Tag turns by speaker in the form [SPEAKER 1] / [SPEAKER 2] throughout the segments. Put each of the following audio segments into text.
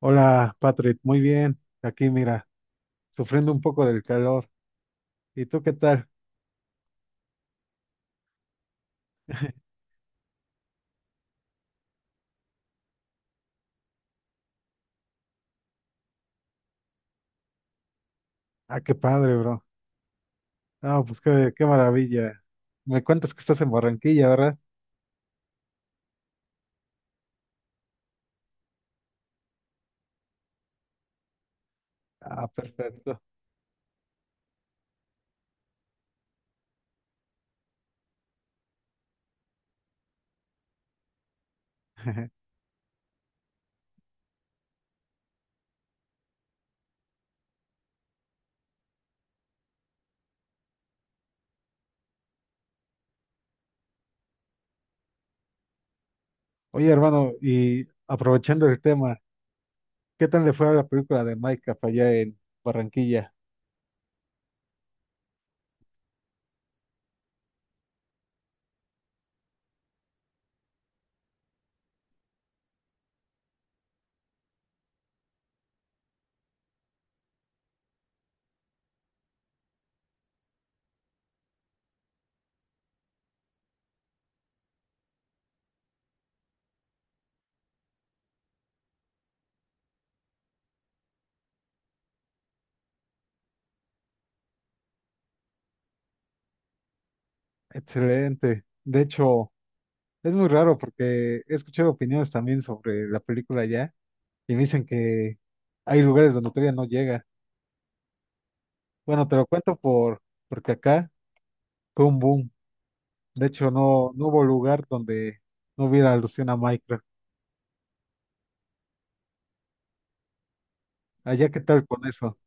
[SPEAKER 1] Hola, Patrick, muy bien. Aquí, mira, sufriendo un poco del calor. ¿Y tú qué tal? Ah, qué padre, bro. Ah, pues qué maravilla. Me cuentas que estás en Barranquilla, ¿verdad? Ah, perfecto. Oye, hermano, y aprovechando el tema, ¿qué tal le fue a la película de Minecraft allá en Barranquilla? Excelente. De hecho, es muy raro porque he escuchado opiniones también sobre la película allá y me dicen que hay lugares donde todavía no llega. Bueno, te lo cuento porque acá fue un boom. De hecho, no, no hubo lugar donde no hubiera alusión a Minecraft. Allá, ¿qué tal con eso?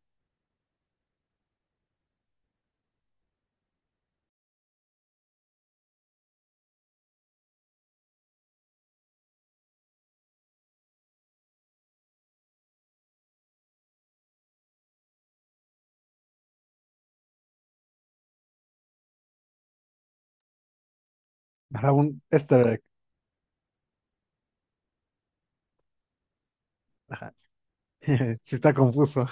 [SPEAKER 1] Para un easter egg. Ajá. Sí está confuso.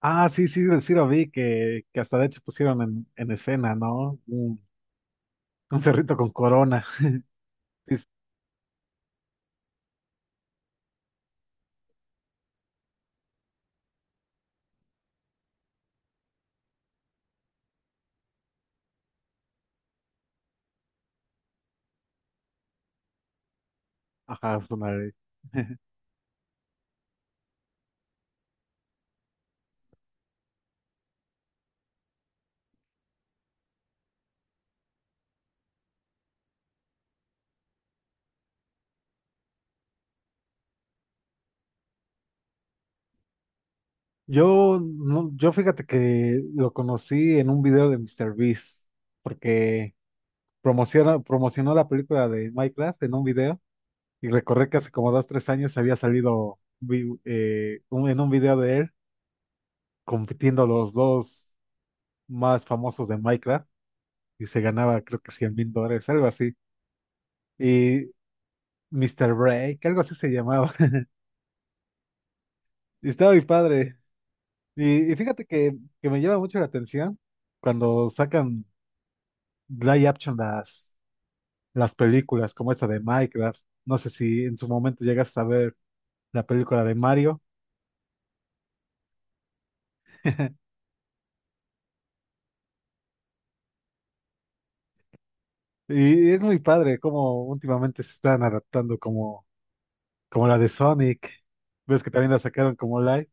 [SPEAKER 1] Ah, sí, sí, sí lo vi, que hasta de hecho pusieron en escena, ¿no? Un cerrito con corona. Sí, ajá, es una ley. Yo, no, yo fíjate que lo conocí en un video de mister Beast porque promocionó la película de Minecraft en un video. Y recordé que hace como dos, tres años había salido en un video de él compitiendo los dos más famosos de Minecraft y se ganaba creo que 100 mil dólares, algo así. Y Mr. Break, algo así se llamaba. Y estaba mi padre. Y fíjate que me llama mucho la atención cuando sacan live action las películas como esta de Minecraft. No sé si en su momento llegas a ver la película de Mario. Y es muy padre cómo últimamente se están adaptando como la de Sonic. Ves que también la sacaron como live.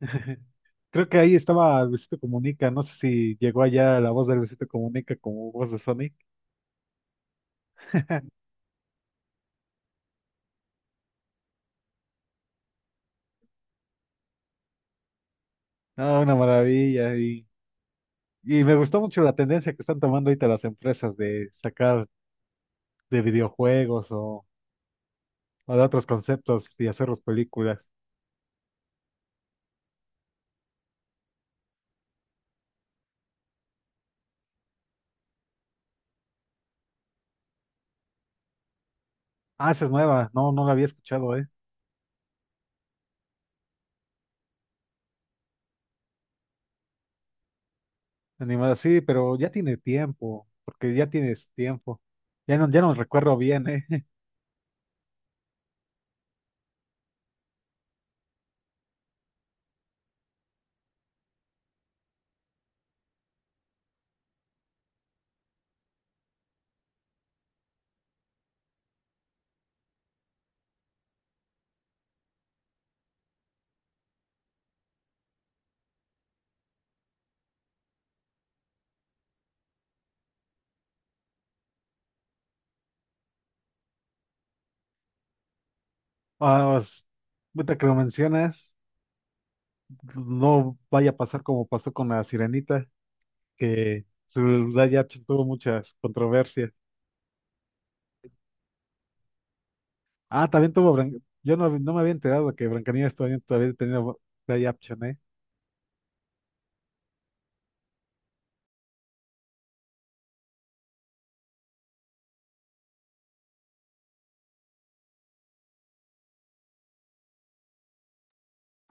[SPEAKER 1] Creo que ahí estaba Luisito Comunica. No sé si llegó allá la voz de Luisito Comunica como voz de Sonic. Ah, una maravilla. Y me gustó mucho la tendencia que están tomando ahorita las empresas de sacar de videojuegos o de otros conceptos y hacerlos películas. Ah, esa es nueva. No, no la había escuchado. Animada, sí, pero ya tiene tiempo, porque ya tienes tiempo. Ya no, ya no recuerdo bien, ¿eh? Ah, ahorita que lo mencionas, no vaya a pasar como pasó con la Sirenita, que su verdad ya tuvo muchas controversias. Ah, también tuvo, yo no, no me había enterado que Blancanieves todavía tenía live action, ¿eh?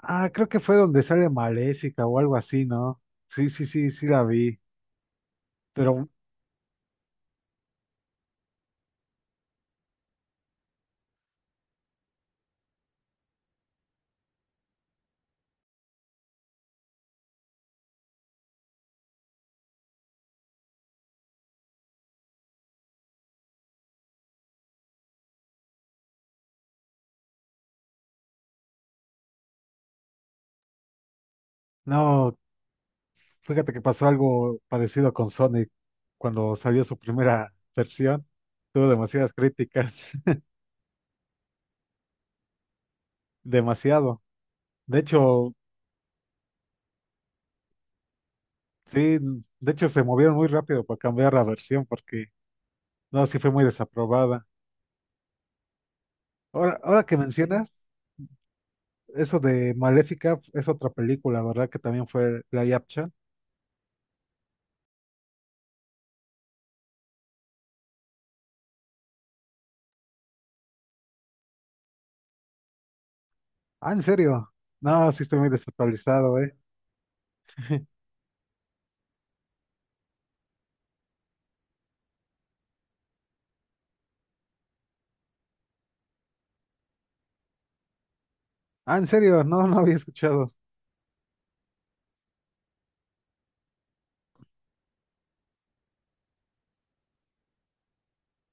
[SPEAKER 1] Ah, creo que fue donde sale Maléfica o algo así, ¿no? Sí, sí, sí, sí la vi, pero no. Fíjate que pasó algo parecido con Sonic cuando salió su primera versión. Tuvo demasiadas críticas, demasiado. De hecho, sí, de hecho se movieron muy rápido para cambiar la versión porque no, sí fue muy desaprobada. Ahora que mencionas, eso de Maléfica es otra película, ¿verdad? Que también fue la Yapcha. Ah, ¿en serio? No, sí estoy muy desactualizado, ¿eh? Ah, ¿en serio? No, no había escuchado.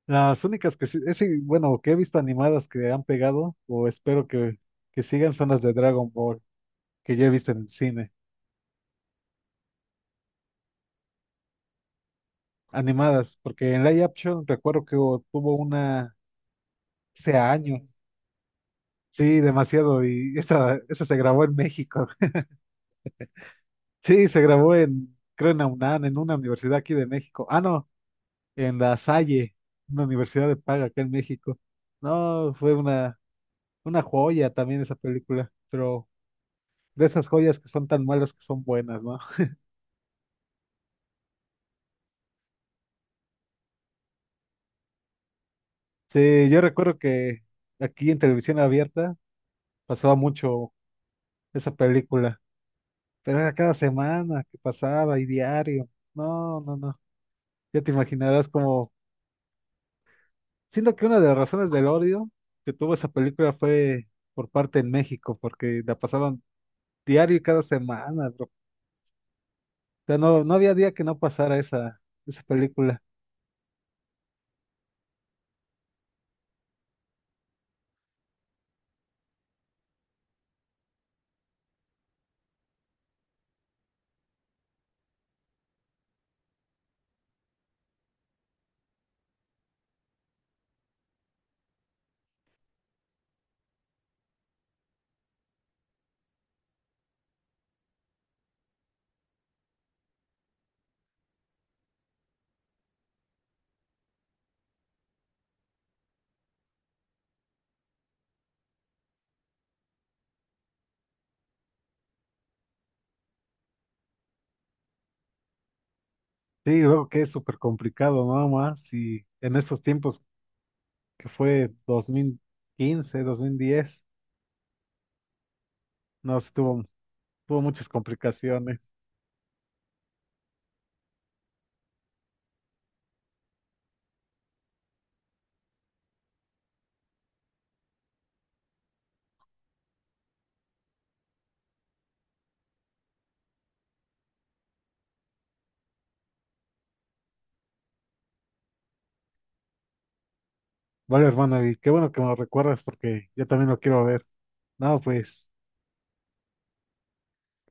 [SPEAKER 1] Las únicas que sí, ese, bueno, que he visto animadas que han pegado, o espero que sigan, son las de Dragon Ball, que yo he visto en el cine. Animadas, porque en live action recuerdo que tuvo una hace años. Sí, demasiado, y esa se grabó en México. Sí, se grabó en, creo en la UNAM, en una universidad aquí de México. Ah, no, en La Salle, una universidad de paga acá en México. No, fue una joya también esa película, pero de esas joyas que son tan malas que son buenas, ¿no? Sí, yo recuerdo que aquí en televisión abierta pasaba mucho esa película, pero era cada semana que pasaba y diario. No, no, no. Ya te imaginarás como, siento que una de las razones del odio que tuvo esa película fue por parte en México, porque la pasaban diario y cada semana, bro. O sea, no, no había día que no pasara esa película. Sí, y luego que es súper complicado, ¿no? Más y en esos tiempos que fue dos mil quince, 2010, no, sí estuvo. Tuvo muchas complicaciones. Vale, hermano, y qué bueno que me lo recuerdas porque yo también lo quiero ver. No, pues,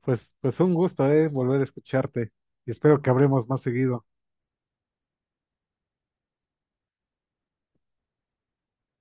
[SPEAKER 1] pues, pues un gusto, volver a escucharte y espero que hablemos más seguido.